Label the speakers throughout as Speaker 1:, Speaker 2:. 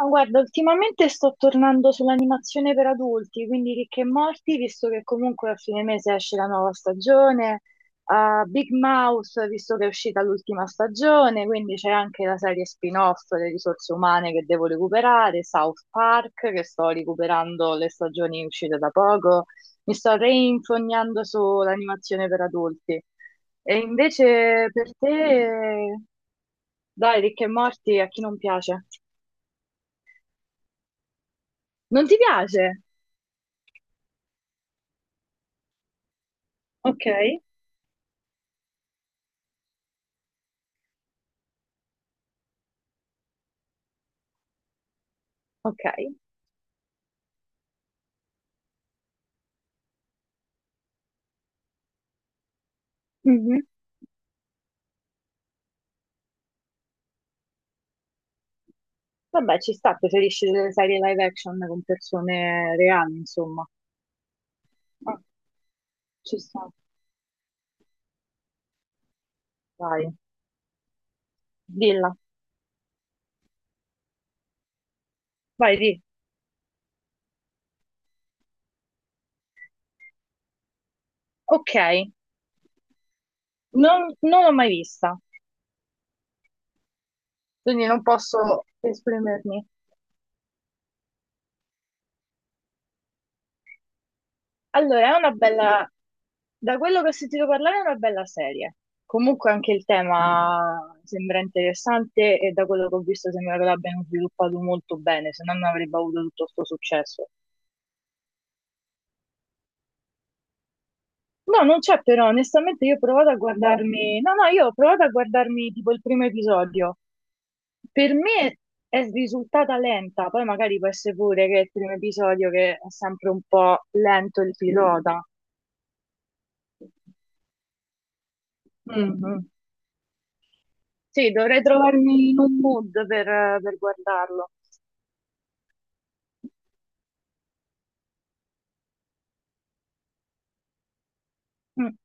Speaker 1: No, guarda, ultimamente sto tornando sull'animazione per adulti, quindi Rick e Morty, visto che comunque a fine mese esce la nuova stagione, a Big Mouth, visto che è uscita l'ultima stagione, quindi c'è anche la serie spin-off Le risorse umane che devo recuperare, South Park che sto recuperando le stagioni uscite da poco, mi sto reinfognando sull'animazione per adulti. E invece per te, dai, Rick e Morty, a chi non piace? Non ti piace? Ok. Ok. Mhm. Vabbè, ci sta, preferisci delle serie live action con persone reali, insomma. Ah, ci sta. Vai, dilla. Vai, di. Ok, non l'ho mai vista, quindi non posso esprimermi. Allora, è una bella... Da quello che ho sentito parlare è una bella serie. Comunque anche il tema sembra interessante e da quello che ho visto sembra che l'abbiano sviluppato molto bene, se no non avrebbe avuto tutto questo successo. No, non c'è però, onestamente io ho provato a guardarmi, no, no, io ho provato a guardarmi tipo il primo episodio. Per me è risultata lenta, poi magari può essere pure che è il primo episodio che è sempre un po' lento il pilota. Mhm. Sì, dovrei trovarmi in un mood per guardarlo. Mm,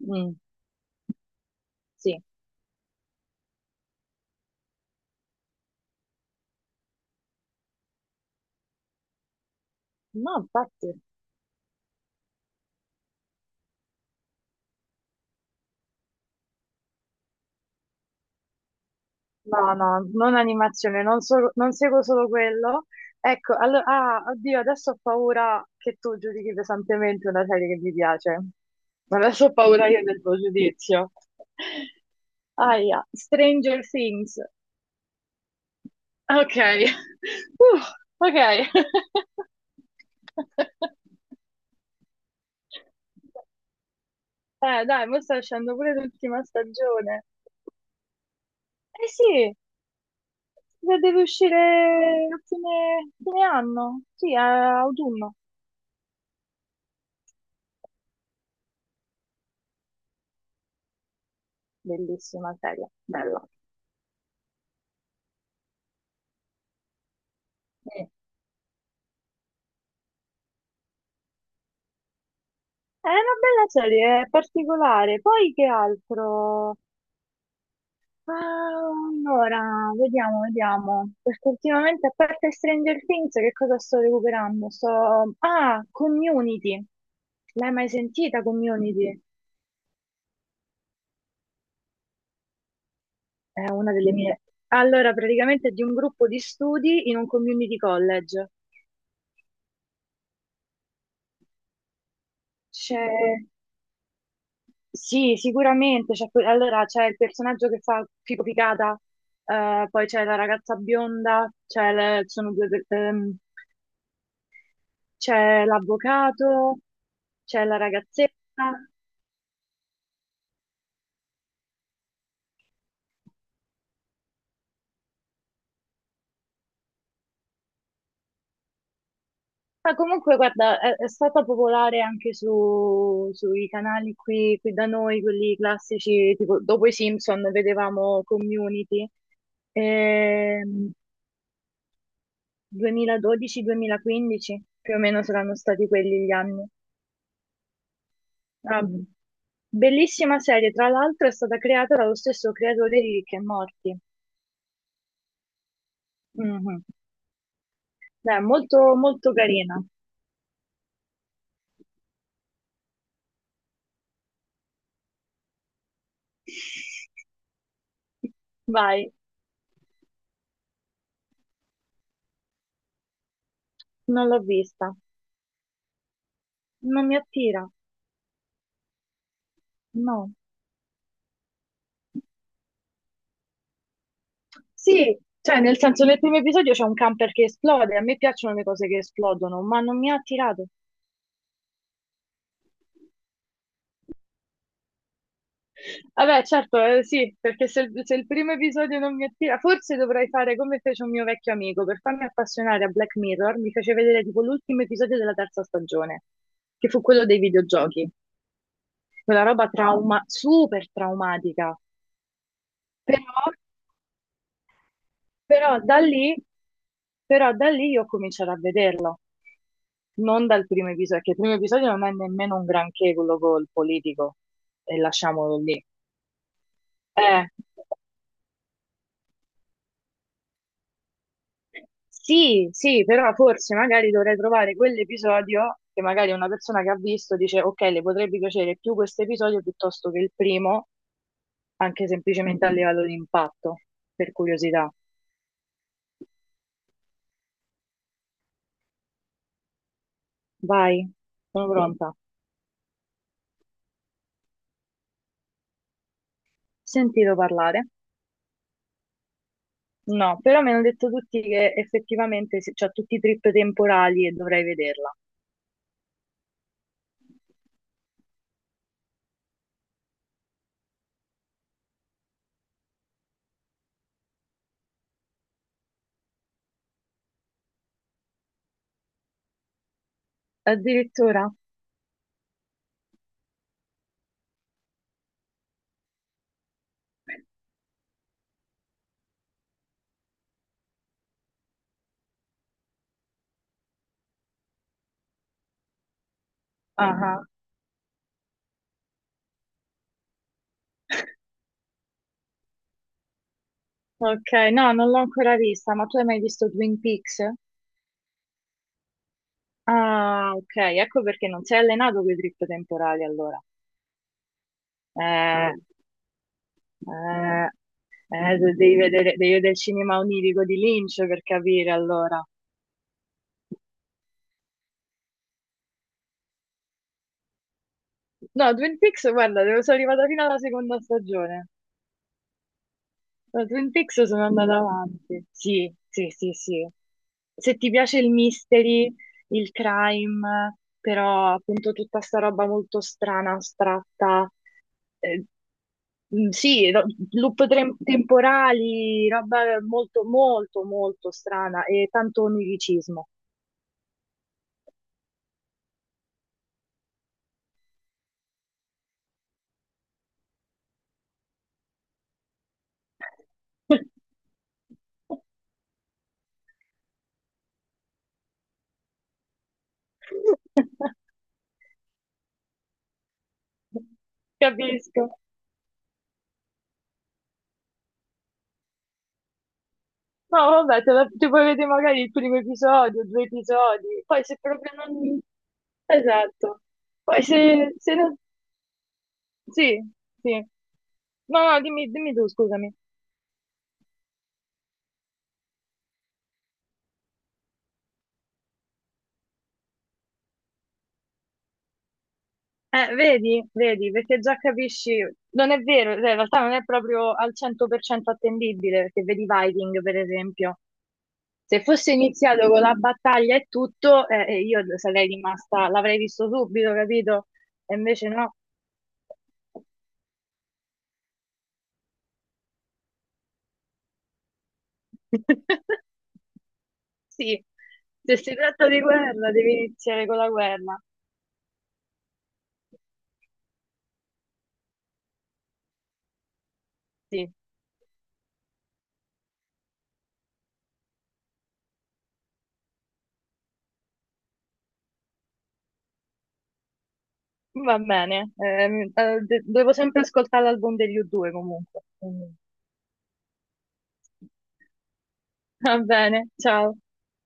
Speaker 1: mm, sì, no, infatti. No, no, non animazione, non, solo- non seguo solo quello. Ecco, allora, ah, oddio, adesso ho paura che tu giudichi pesantemente una serie che mi piace. Adesso ho paura io del tuo giudizio. Aia, Stranger Things. Ok, ok. Dai, mo sta uscendo pure l'ultima stagione. Eh sì, eh, deve uscire a fine, fine anno, sì, a autunno. Bellissima serie, bella. Eh, È una bella serie, è particolare. Poi che altro? Ah, allora, vediamo, vediamo. Perché ultimamente, a parte Stranger Things, che cosa sto recuperando? Sto... Ah, Community. L'hai mai sentita, Community? È una delle no. mie. Allora, praticamente è di un gruppo di studi in un community college. C'è. Sì, sicuramente. C'è que- allora c'è il personaggio che fa Fico Picata, poi c'è la ragazza bionda, c'è le- sono due per- c'è l'avvocato, c'è la ragazzetta. Ma comunque, guarda, è stata popolare anche su- sui canali qui, qui da noi, quelli classici, tipo dopo i Simpson vedevamo Community, ehm, 2012-2015, più o meno saranno stati quelli gli anni. Ah, bellissima serie, tra l'altro è stata creata dallo stesso creatore di Rick e Morty. Mhm. Beh, molto, molto carina. Vai, non l'ho vista, non mi attira, no. Sì, cioè nel senso nel primo episodio c'è un camper che esplode, a me piacciono le cose che esplodono, ma non mi ha attirato. Vabbè, certo, sì, perché se, il se il primo episodio non mi attira, forse dovrei fare come fece un mio vecchio amico, per farmi appassionare a Black Mirror, mi fece vedere tipo l'ultimo episodio della terza stagione, che fu quello dei videogiochi, quella roba trauma, super traumatica, però, però da lì, però da lì io comincerò a vederlo, non dal primo episodio, perché il primo episodio non è nemmeno un granché quello col politico, e lasciamolo lì. Eh, Sì, sì, però forse magari dovrei trovare quell'episodio che magari una persona che ha visto dice, ok, le potrebbe piacere più questo episodio piuttosto che il primo, anche semplicemente a livello di impatto, per curiosità. Vai, sono pronta. Sentito parlare? No, però mi hanno detto tutti che effettivamente se- c'ha tutti i trip temporali e dovrei vederla. Addirittura? Ah, ah. Ok, no, non l'ho ancora vista, ma tu hai mai visto Twin Peaks? Ah, ok, ecco perché non sei allenato con i trip temporali allora. Eh, No. De- devi vedere il cinema onirico di Lynch per capire allora. No, Twin Peaks, guarda, devo- sono arrivata fino alla seconda stagione. Da Twin Peaks sono andata avanti. Sì, sì, sì, sì. Se ti piace il mystery, il crime, però appunto tutta sta roba molto strana, astratta, eh, mm, sì, ro- loop tre- temporali, roba molto, molto, molto strana e tanto oniricismo. Capisco. No, vabbè, te la- ti puoi vedere magari il primo episodio, due episodi, poi se proprio non... Esatto. Poi se, se non... Sì, sì. No, no, dimmi, dimmi tu, scusami. Vedi, vedi, perché già capisci, non è vero, cioè, in realtà non è proprio al 100% attendibile, perché vedi Viking, per esempio. Se fosse iniziato con la battaglia e tutto, io sarei rimasta, l'avrei visto subito, capito? E invece no. Sì, se si tratta di guerra, devi iniziare con la guerra. Sì, va bene. De- devo sempre ascoltare l'album degli U2 comunque. Quindi, va bene, ciao.